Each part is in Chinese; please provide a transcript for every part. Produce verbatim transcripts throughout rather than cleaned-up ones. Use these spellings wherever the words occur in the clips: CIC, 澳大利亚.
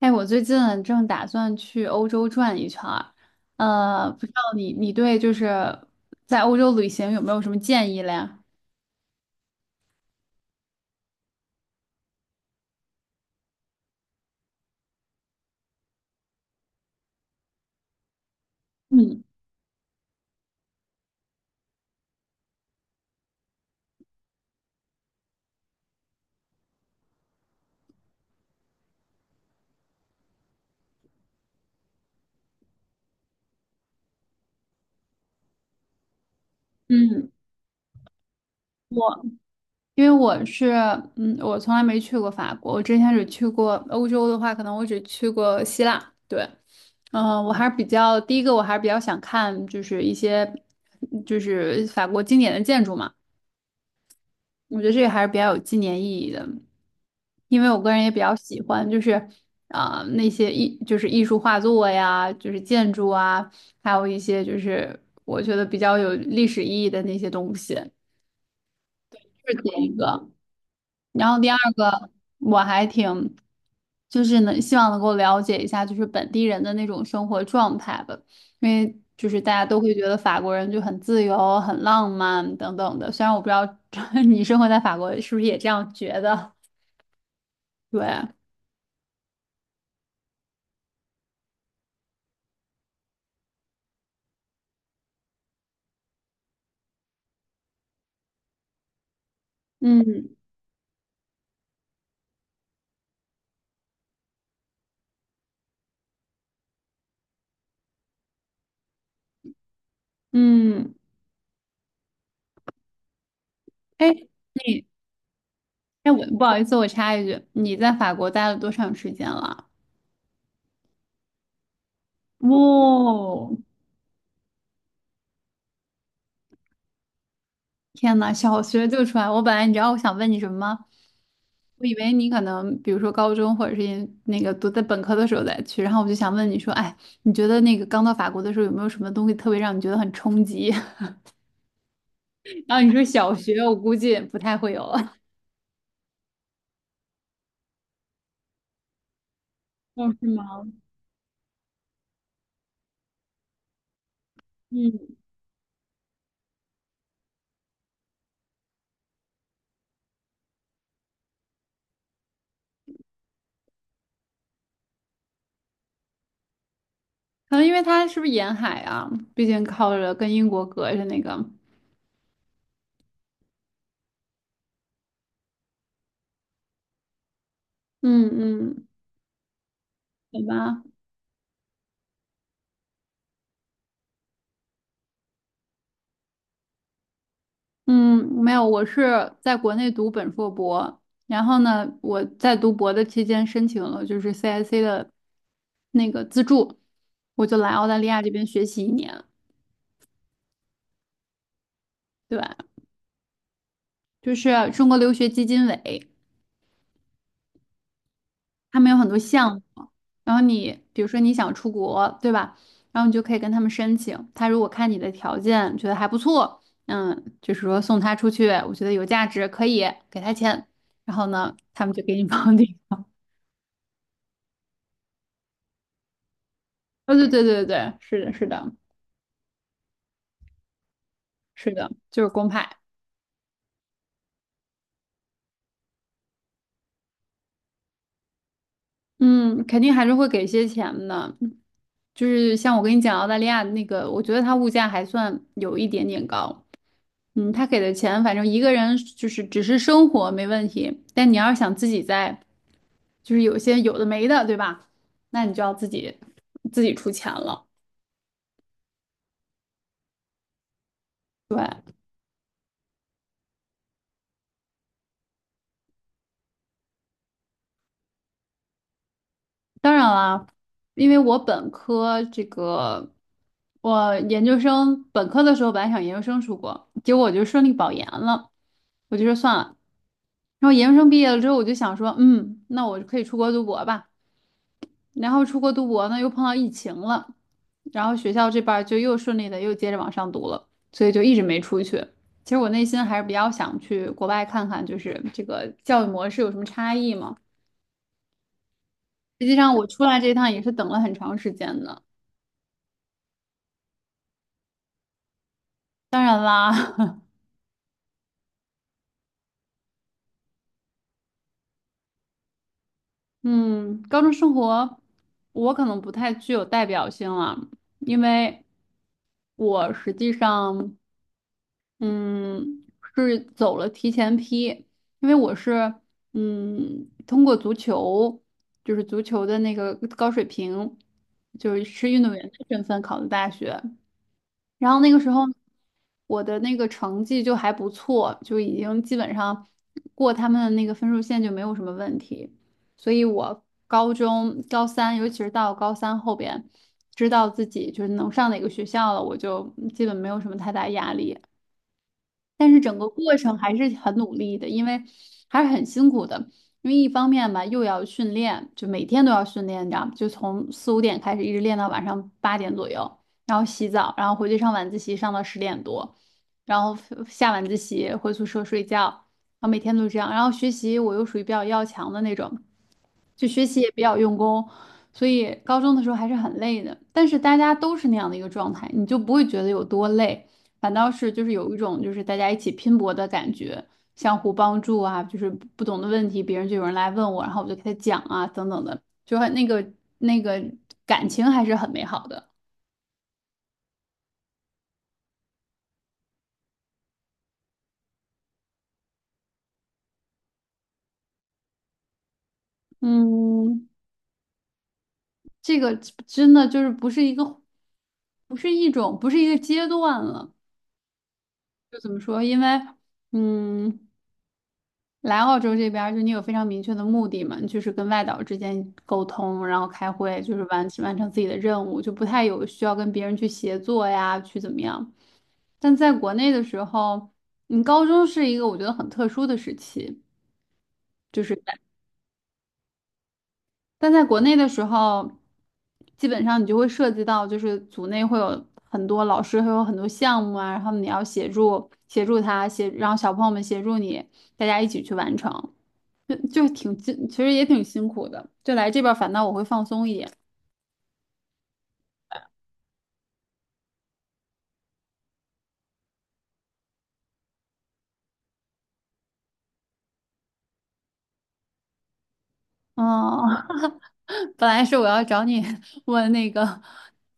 哎，我最近啊正打算去欧洲转一圈儿，呃，不知道你你对就是在欧洲旅行有没有什么建议嘞？嗯嗯，我因为我是，嗯，我从来没去过法国，我之前只去过欧洲的话，可能我只去过希腊。对，嗯、我还是比较第一个，我还是比较想看就是一些就是法国经典的建筑嘛，我觉得这个还是比较有纪念意义的。因为我个人也比较喜欢，就是啊、那些艺就是艺术画作呀，就是建筑啊，还有一些就是我觉得比较有历史意义的那些东西，这是第一个。然后第二个，我还挺就是能希望能够了解一下，就是本地人的那种生活状态吧，因为就是大家都会觉得法国人就很自由、很浪漫等等的。虽然我不知道 你生活在法国是不是也这样觉得，对。嗯嗯，哎，你，哎，我不好意思，我插一句，你在法国待了多长时间了？哇哦，天呐，小学就出来！我本来你知道我想问你什么吗？我以为你可能比如说高中或者是研那个读在本科的时候再去，然后我就想问你说，哎，你觉得那个刚到法国的时候有没有什么东西特别让你觉得很冲击？然后你说小学，我估计不太会有了。哦，是吗？嗯，可能因为它是不是沿海啊？毕竟靠着跟英国隔着那个。嗯嗯，好吧。嗯，没有，我是在国内读本硕博，然后呢，我在读博的期间申请了就是 C I C 的那个资助，我就来澳大利亚这边学习一年，对吧？就是中国留学基金委，他们有很多项目，然后你比如说你想出国，对吧？然后你就可以跟他们申请，他如果看你的条件觉得还不错，嗯，就是说送他出去，我觉得有价值，可以给他钱，然后呢，他们就给你绑定。哦，对对对对，对，是的，是的，是的，就是公派，嗯，肯定还是会给一些钱的。就是像我跟你讲澳大利亚那个，我觉得它物价还算有一点点高。嗯，他给的钱，反正一个人就是只是生活没问题，但你要是想自己在，就是有些有的没的，对吧？那你就要自己自己出钱了。当然啦，因为我本科这个，我研究生本科的时候本来想研究生出国，结果我就顺利保研了，我就说算了。然后研究生毕业了之后，我就想说，嗯，那我可以出国读博吧。然后出国读博呢，又碰到疫情了，然后学校这边儿就又顺利的又接着往上读了，所以就一直没出去。其实我内心还是比较想去国外看看，就是这个教育模式有什么差异嘛。实际上我出来这一趟也是等了很长时间的。当然啦，嗯，高中生活我可能不太具有代表性了，因为我实际上，嗯，是走了提前批，因为我是，嗯，通过足球，就是足球的那个高水平，就是是运动员的身份考的大学。然后那个时候我的那个成绩就还不错，就已经基本上过他们的那个分数线就没有什么问题。所以我高中高三，尤其是到高三后边，知道自己就是能上哪个学校了，我就基本没有什么太大压力。但是整个过程还是很努力的，因为还是很辛苦的。因为一方面吧，又要训练，就每天都要训练，你知道吗？就从四五点开始，一直练到晚上八点左右，然后洗澡，然后回去上晚自习，上到十点多，然后呃下晚自习回宿舍睡觉，然后每天都这样。然后学习我又属于比较要强的那种，就学习也比较用功，所以高中的时候还是很累的。但是大家都是那样的一个状态，你就不会觉得有多累，反倒是就是有一种就是大家一起拼搏的感觉，相互帮助啊，就是不懂的问题别人就有人来问我，然后我就给他讲啊，等等的，就很那个那个感情还是很美好的。嗯，这个真的就是不是一个，不是一种，不是一个阶段了。就怎么说？因为，嗯，来澳洲这边儿，就你有非常明确的目的嘛，你就是跟外岛之间沟通，然后开会，就是完完成自己的任务，就不太有需要跟别人去协作呀，去怎么样。但在国内的时候，你高中是一个我觉得很特殊的时期，但在国内的时候，基本上你就会涉及到，就是组内会有很多老师，会有很多项目啊，然后你要协助协助他协，然后小朋友们协助你，大家一起去完成。就挺辛，其实也挺辛苦的。就来这边，反倒我会放松一点。哦，本来是我要找你 问那个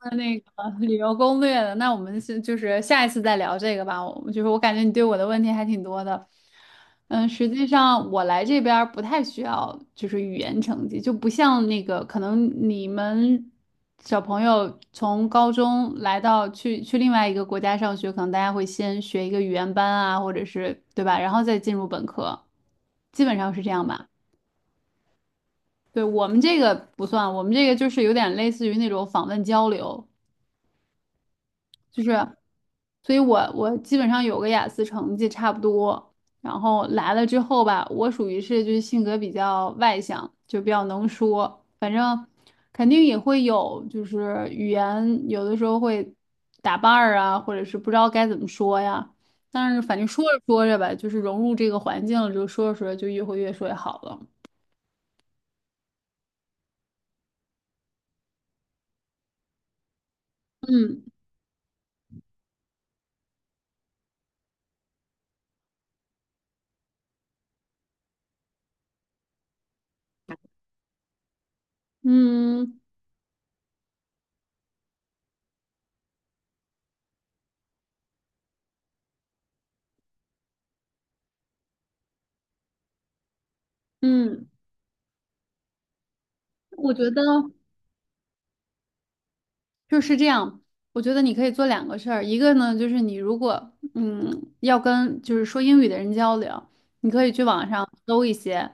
问那个旅游攻略的，那我们是就是下一次再聊这个吧。我就是我感觉你对我的问题还挺多的。嗯，实际上我来这边儿不太需要就是语言成绩，就不像那个可能你们小朋友从高中来到去去另外一个国家上学，可能大家会先学一个语言班啊，或者是对吧，然后再进入本科，基本上是这样吧。对，我们这个不算，我们这个就是有点类似于那种访问交流，就是，所以我我基本上有个雅思成绩差不多，然后来了之后吧，我属于是就是性格比较外向，就比较能说，反正肯定也会有就是语言有的时候会打伴儿啊，或者是不知道该怎么说呀，但是反正说着说着吧，就是融入这个环境了，就说着说着就越会越说越好了，嗯嗯嗯，我觉得。就是这样，我觉得你可以做两个事儿，一个呢就是你如果嗯要跟就是说英语的人交流，你可以去网上搜一些，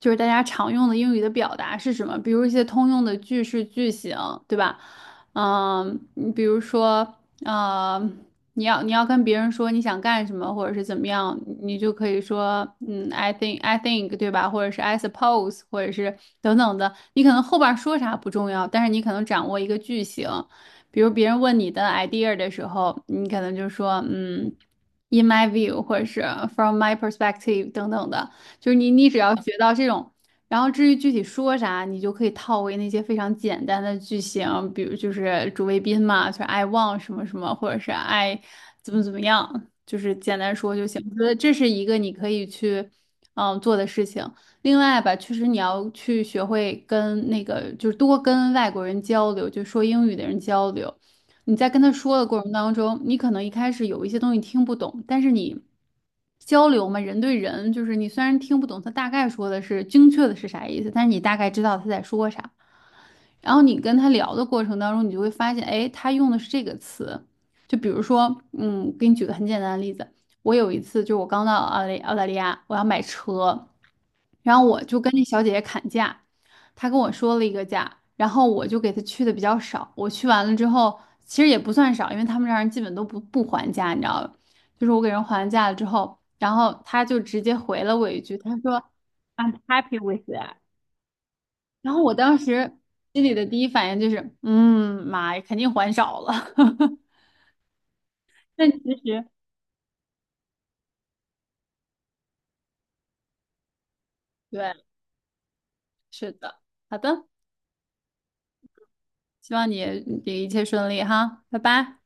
就是大家常用的英语的表达是什么，比如一些通用的句式句型，对吧？嗯，你比如说，啊。你要你要跟别人说你想干什么，或者是怎么样，你就可以说，嗯，I think I think，对吧？或者是 I suppose，或者是等等的。你可能后边说啥不重要，但是你可能掌握一个句型。比如别人问你的 idea 的时候，你可能就说，嗯，in my view，或者是 from my perspective 等等的。就是你你只要学到这种然后至于具体说啥，你就可以套为那些非常简单的句型，比如就是主谓宾嘛，就是 I want 什么什么，或者是 I 怎么怎么样，就是简单说就行。我觉得这是一个你可以去嗯做的事情。另外吧，确实你要去学会跟那个，就是多跟外国人交流，就说英语的人交流。你在跟他说的过程当中，你可能一开始有一些东西听不懂，但是你交流嘛，人对人，就是你虽然听不懂他大概说的是精确的是啥意思，但是你大概知道他在说啥。然后你跟他聊的过程当中，你就会发现，哎，他用的是这个词。就比如说，嗯，给你举个很简单的例子，我有一次就我刚到澳大澳大利亚，我要买车。然后我就跟那小姐姐砍价，她跟我说了一个价，然后我就给她去的比较少。我去完了之后，其实也不算少，因为他们这儿人基本都不不还价，你知道吧？就是我给人还完价了之后，然后她就直接回了我一句，她说：“I'm happy with that。”然后我当时心里的第一反应就是，嗯，妈呀，肯定还少了。但其实，对，是的，好的，希望你你一切顺利哈，拜拜。